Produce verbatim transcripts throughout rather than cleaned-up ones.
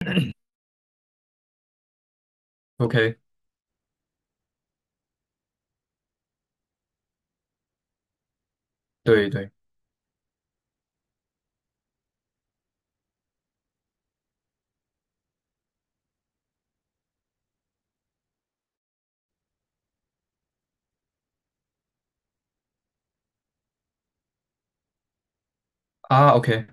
OK，对对啊，OK，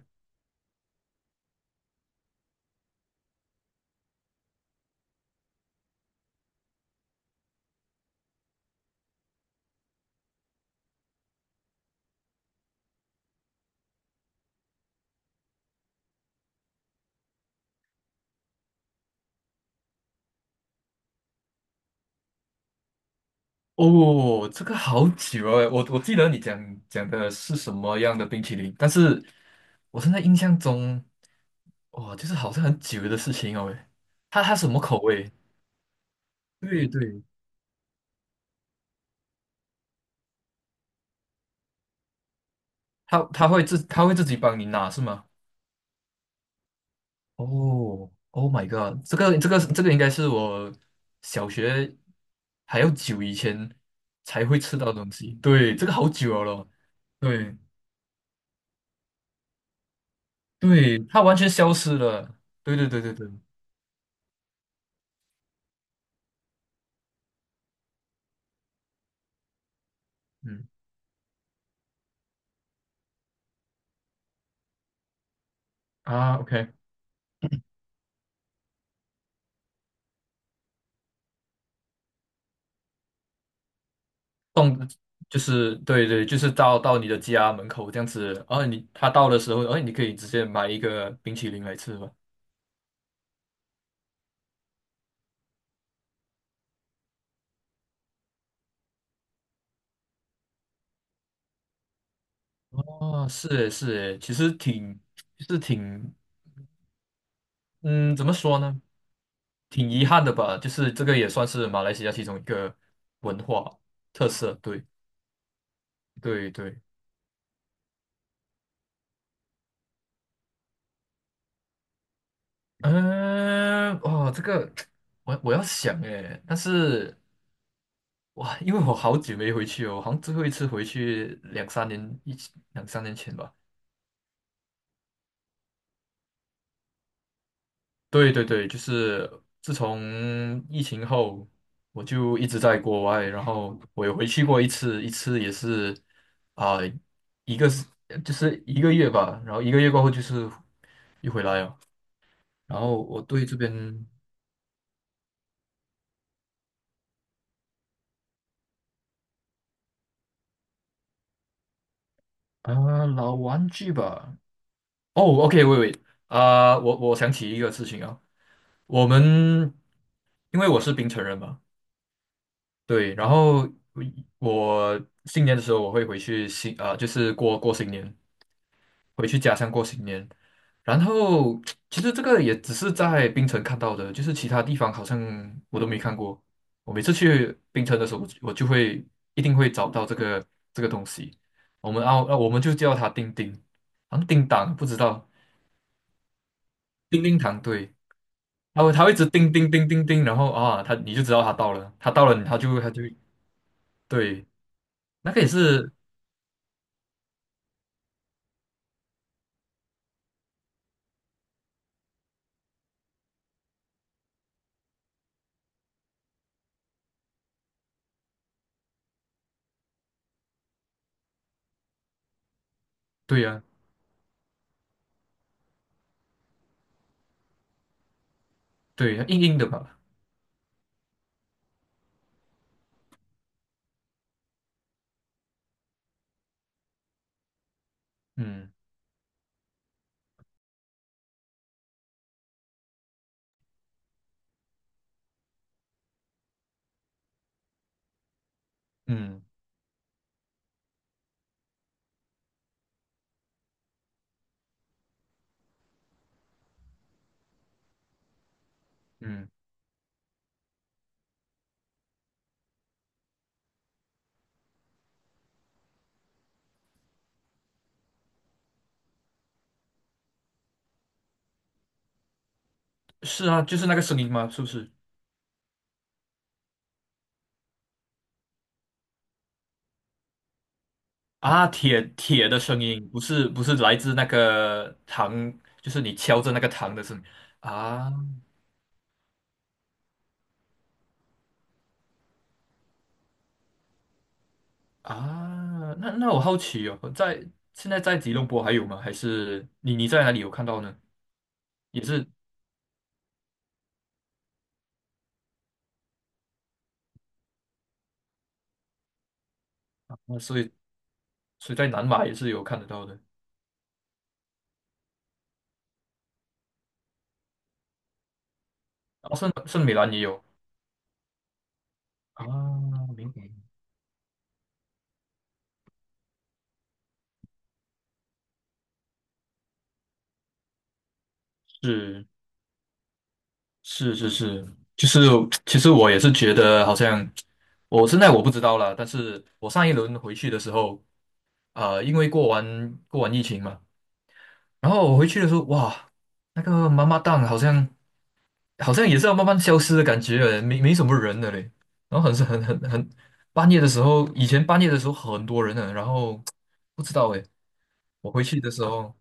哦，这个好久哦，我我记得你讲讲的是什么样的冰淇淋，但是我现在印象中，哇，就是好像很久的事情哦喂，它它什么口味？对对，它它会自它会自己帮你拿是吗？哦，Oh my god，这个这个这个应该是我小学还要久以前才会吃到的东西，对，这个好久了咯对对，它完全消失了，对对对对对。嗯啊，OK，就是对对，就是到到你的家门口这样子，然后你他到的时候，然后你可以直接买一个冰淇淋来吃吧。哦，是诶是诶，其实挺就是挺嗯，怎么说呢？挺遗憾的吧，就是这个也算是马来西亚其中一个文化特色。对对对，嗯，哇，这个 我我要想诶，但是哇，因为我好久没回去哦，我好像最后一次回去两三年一两三年前吧。对对对，就是自从疫情后，我就一直在国外，然后我也回去过一次，一次也是啊、一个是就是一个月吧，然后一个月过后就是又回来了，然后我对这边啊、老玩具吧，哦，OK，喂喂啊、我我想起一个事情啊，我们因为我是槟城人嘛。对，然后我新年的时候我会回去新啊、就是过过新年，回去家乡过新年。然后 其实这个也只是在槟城看到的，就是其他地方好像我都没看过。我每次去槟城的时候，我就我就会一定会找到这个这个东西。我们澳，啊我们就叫它叮叮，好像叮当，不知道叮叮糖，对，它会它会一直叮叮叮叮叮，然后啊，它你就知道它到了，它到了，它就它就对，那个也是对呀、对，硬硬的吧，嗯嗯嗯，是啊，就是那个声音吗？是不是？啊，铁铁的声音，不是不是来自那个糖，就是你敲着那个糖的声音啊啊。那那我好奇哦，在现在在吉隆坡还有吗？还是你你在哪里有看到呢？也是，啊所以所以在南马也是有看得到的，啊，圣圣米兰也有啊，明白。是是是是，就是其实我也是觉得好像我现在我不知道了，但是我上一轮回去的时候，呃，因为过完过完疫情嘛。然后我回去的时候，哇，那个妈妈档好像好像也是要慢慢消失的感觉了，没没什么人了嘞。然后很是很很很半夜的时候，以前半夜的时候很多人呢，然后不知道诶，我回去的时候，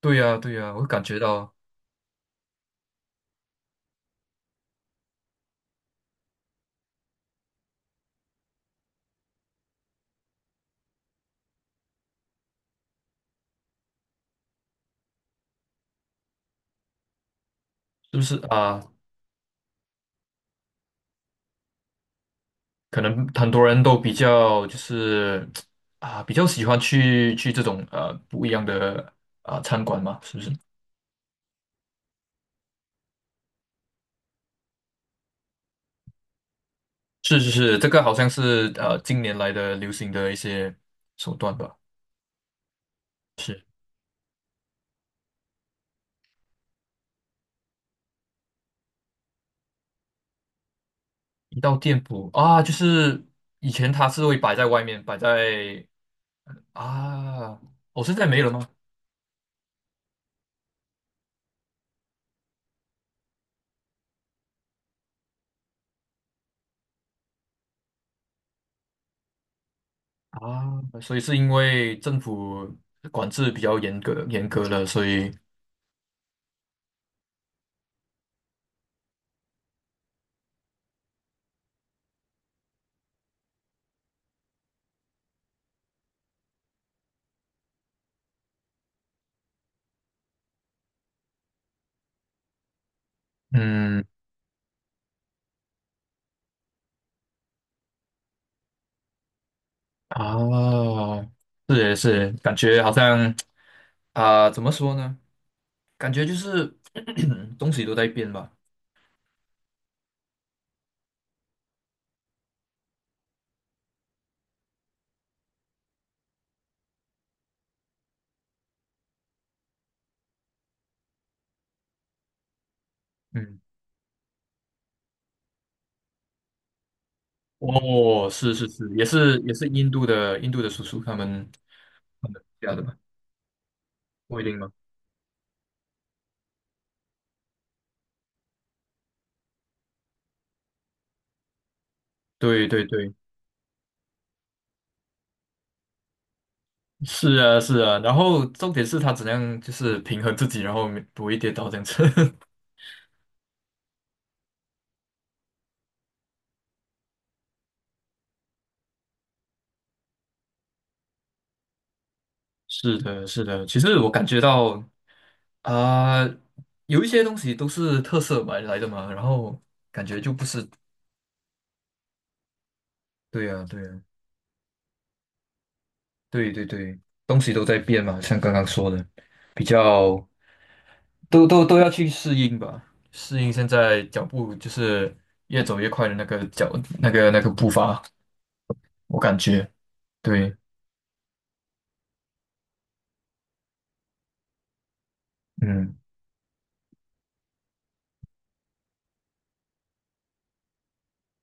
对呀对呀，我感觉到是不是啊？可能很多人都比较就是啊，比较喜欢去去这种呃不一样的啊餐馆嘛，是不是？是是是，这个好像是呃近年来的流行的一些手段吧。一道店铺啊，就是以前它是会摆在外面，摆在啊，我、现在没有了吗？啊，所以是因为政府管制比较严格，严格了，所以嗯啊，是耶是耶，感觉好像啊，怎么说呢？感觉就是 东西都在变吧。嗯，哦，是是是，也是也是印度的印度的叔叔他们家的吧？不一定吗？对对对。是啊，是啊，然后重点是他怎样就是平衡自己，然后没不会跌倒这样子。是的，是的，其实我感觉到啊、有一些东西都是特色买来的嘛，然后感觉就不是，对啊，对啊，对对对，东西都在变嘛，像刚刚说的，比较都都都要去适应吧，适应现在脚步就是越走越快的那个脚那个那个步伐，我感觉对，嗯。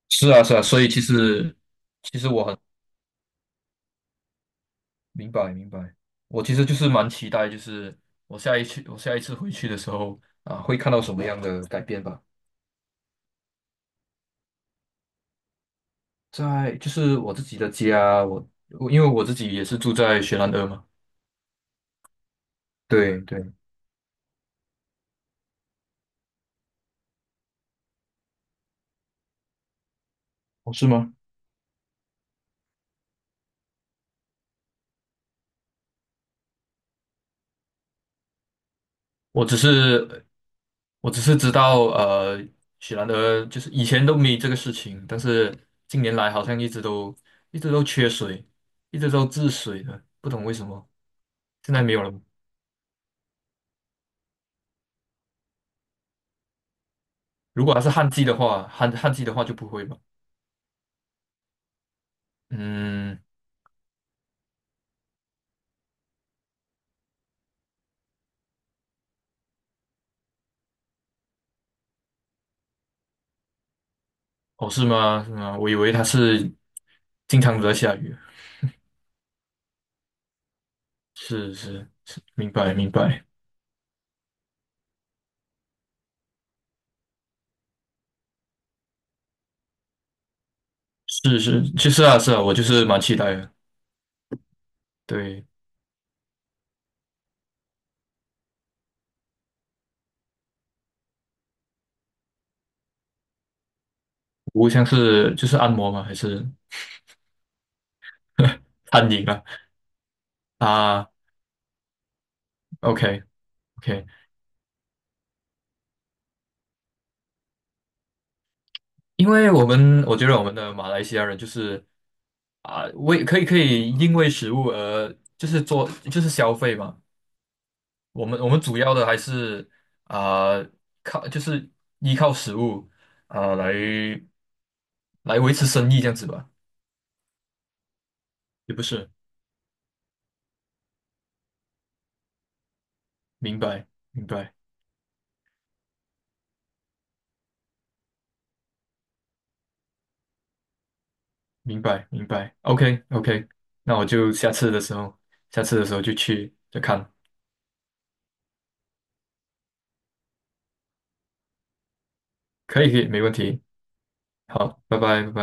是啊，是啊，所以其实其实我很明白明白，我其实就是蛮期待，就是我下一次我下一次回去的时候啊，会看到什么样的改变吧。在就是我自己的家，我我因为我自己也是住在雪兰莪嘛，对对，哦是吗？我只是我只是知道呃，雪兰莪就是以前都没这个事情，但是近年来好像一直都一直都缺水，一直都治水的，不懂为什么现在没有了。如果它是旱季的话，旱旱季的话就不会吧？嗯，哦，是吗？是吗？我以为它是经常都在下雨。是是是，明白明白。是是，其实啊是啊，我就是蛮期待的。对，无像是就是按摩吗？还是餐饮啊？啊，OK OK，因为我们我觉得我们的马来西亚人就是啊，为可以可以因为食物而就是做就是消费嘛。我们我们主要的还是啊、靠就是依靠食物啊、来来维持生意这样子吧，也不是，明白明白明白明白，OK OK，那我就下次的时候，下次的时候就去再看，可以可以，没问题，好，拜拜拜拜。